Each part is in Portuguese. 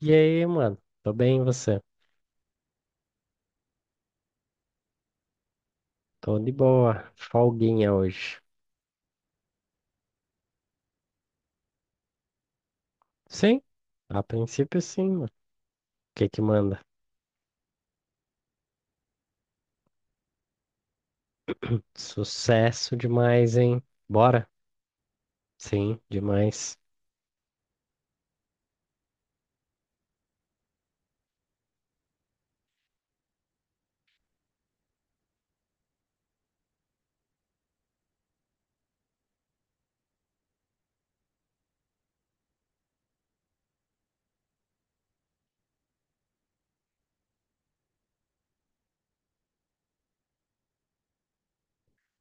E aí, mano? Tô bem, e você? Tô de boa. Folguinha hoje. Sim, a princípio sim, mano. O que que manda? Sucesso demais, hein? Bora? Sim, demais.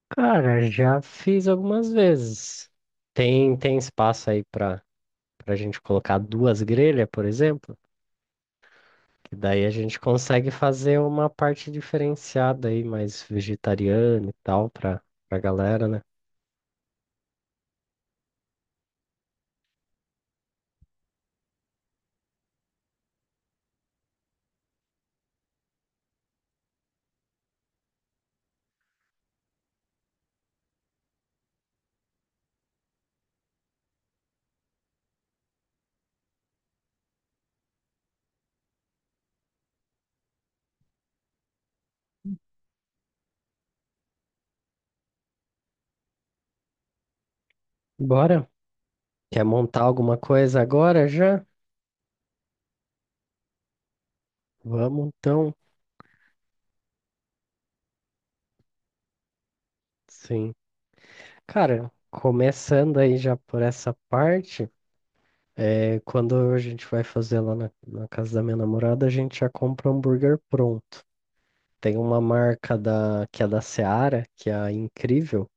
Cara, já fiz algumas vezes. Tem espaço aí pra gente colocar duas grelhas, por exemplo? Que daí a gente consegue fazer uma parte diferenciada aí, mais vegetariana e tal, pra galera, né? Bora? Quer montar alguma coisa agora já? Vamos então, sim. Cara, começando aí já por essa parte, é, quando a gente vai fazer lá na casa da minha namorada, a gente já compra um hambúrguer pronto. Tem uma marca que é da Seara, que é a Incrível,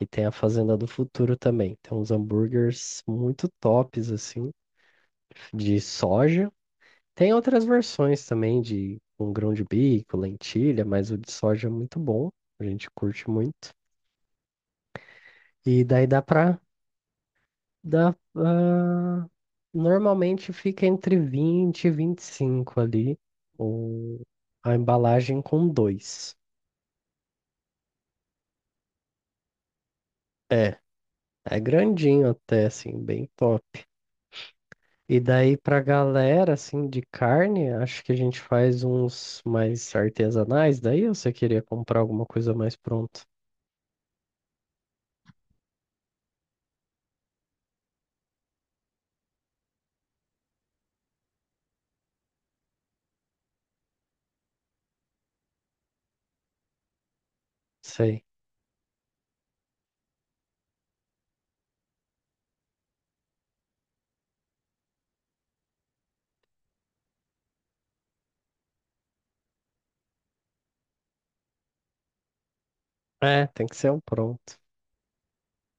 e tem a Fazenda do Futuro também. Tem uns hambúrgueres muito tops, assim, de soja. Tem outras versões também de um grão de bico, lentilha, mas o de soja é muito bom. A gente curte muito. E daí dá pra Dá, normalmente fica entre 20 e 25 ali, o, a embalagem com dois. É, é grandinho até, assim, bem top. E daí pra galera, assim, de carne, acho que a gente faz uns mais artesanais, daí ou você queria comprar alguma coisa mais pronta? Sei. É, tem que ser um pronto.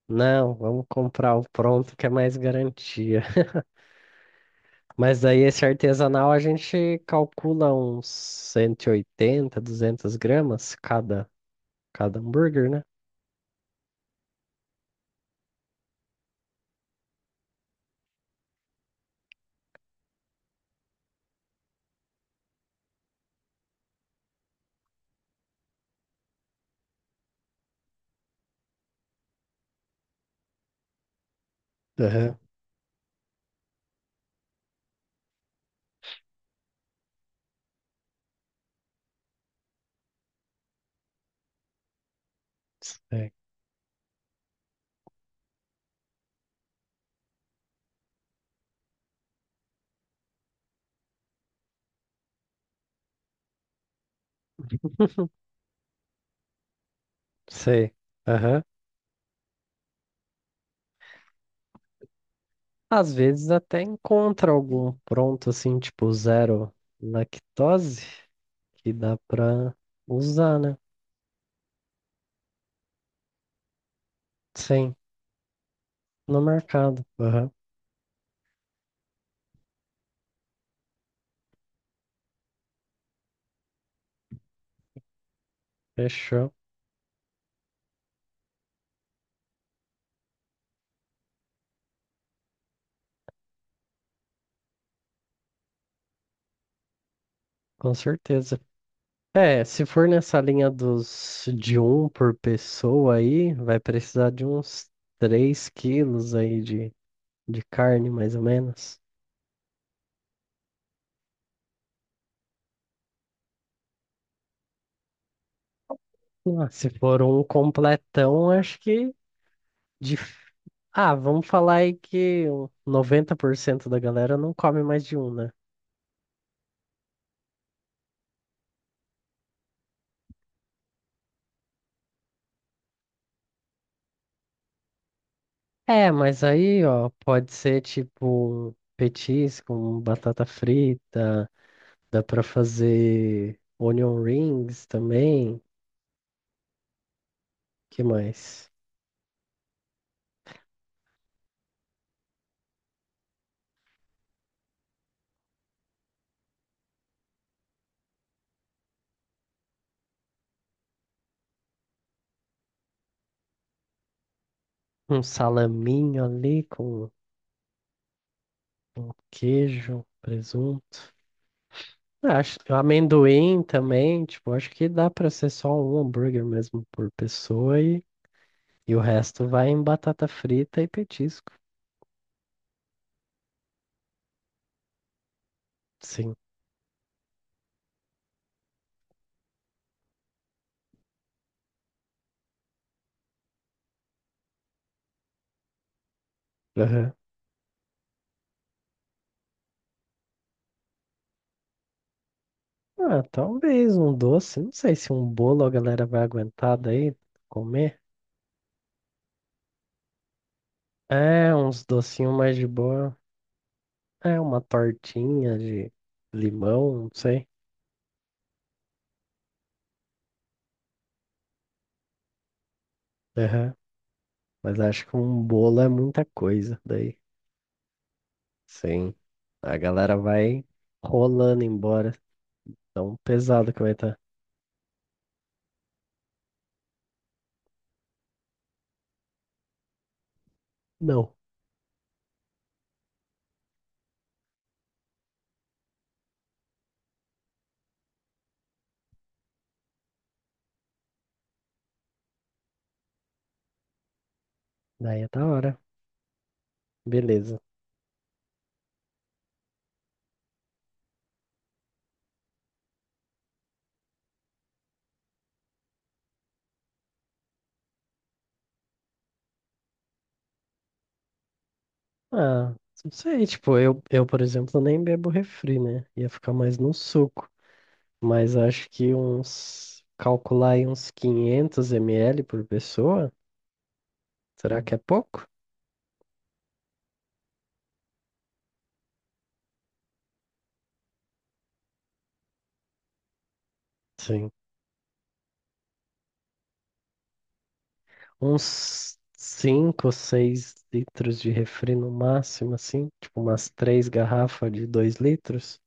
Não, vamos comprar o pronto que é mais garantia. Mas daí esse artesanal a gente calcula uns 180, 200 gramas cada, cada hambúrguer, né? Aham. Sei. Sei. Aham. Às vezes até encontra algum pronto assim, tipo zero lactose, que dá pra usar, né? Sim, no mercado. Aham. Fechou. Com certeza. É, se for nessa linha dos de um por pessoa aí, vai precisar de uns 3 quilos aí de carne, mais ou menos. Ah, se for um completão, acho que de... Ah, vamos falar aí que o 90% da galera não come mais de um, né? É, mas aí, ó, pode ser tipo um petisco, um batata frita, dá pra fazer onion rings também, que mais? Um salaminho ali com um queijo, presunto. Ah, acho, amendoim também, tipo, acho que dá pra ser só um hambúrguer mesmo por pessoa e o resto vai em batata frita e petisco. Sim. Aham. Ah, talvez um doce, não sei se um bolo a galera vai aguentar daí comer. É, uns docinhos mais de boa. É, uma tortinha de limão, não sei. Aham. Mas acho que um bolo é muita coisa daí. Sim. A galera vai rolando embora. Tão pesado que vai estar. Não. Daí é da hora. Beleza. Ah, não sei. Tipo, eu, por exemplo, nem bebo refri, né? Ia ficar mais no suco. Mas acho que uns. Calcular aí uns 500 ml por pessoa. Será que é pouco? Sim. Uns 5, 6 litros de refri no máximo, assim. Tipo, umas três garrafas de 2 litros.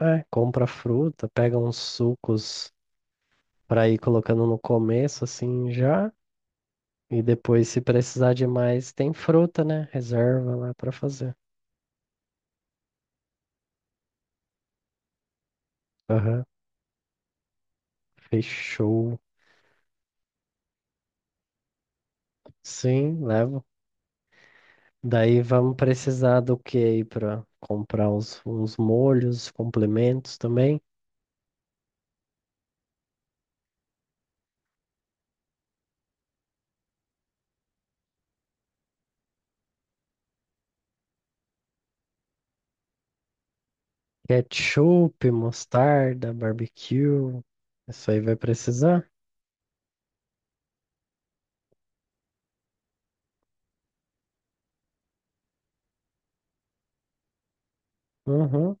É, compra fruta, pega uns sucos para ir colocando no começo, assim, já. E depois, se precisar de mais, tem fruta, né? Reserva lá para fazer. Aham, fechou. Sim, levo. Daí vamos precisar do que aí para comprar uns molhos, complementos também. Ketchup, mostarda, barbecue. Isso aí vai precisar? Uhum.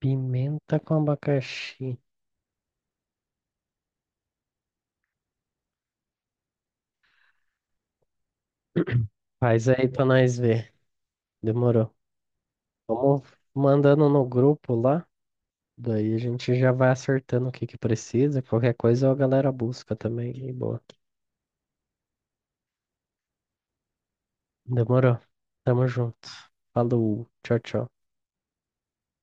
Pimenta com abacaxi. Faz aí para nós ver. Demorou. Vamos mandando no grupo lá, daí a gente já vai acertando o que que precisa. Qualquer coisa a galera busca também. E boa. Demorou. Tamo junto. Falou. Tchau, tchau.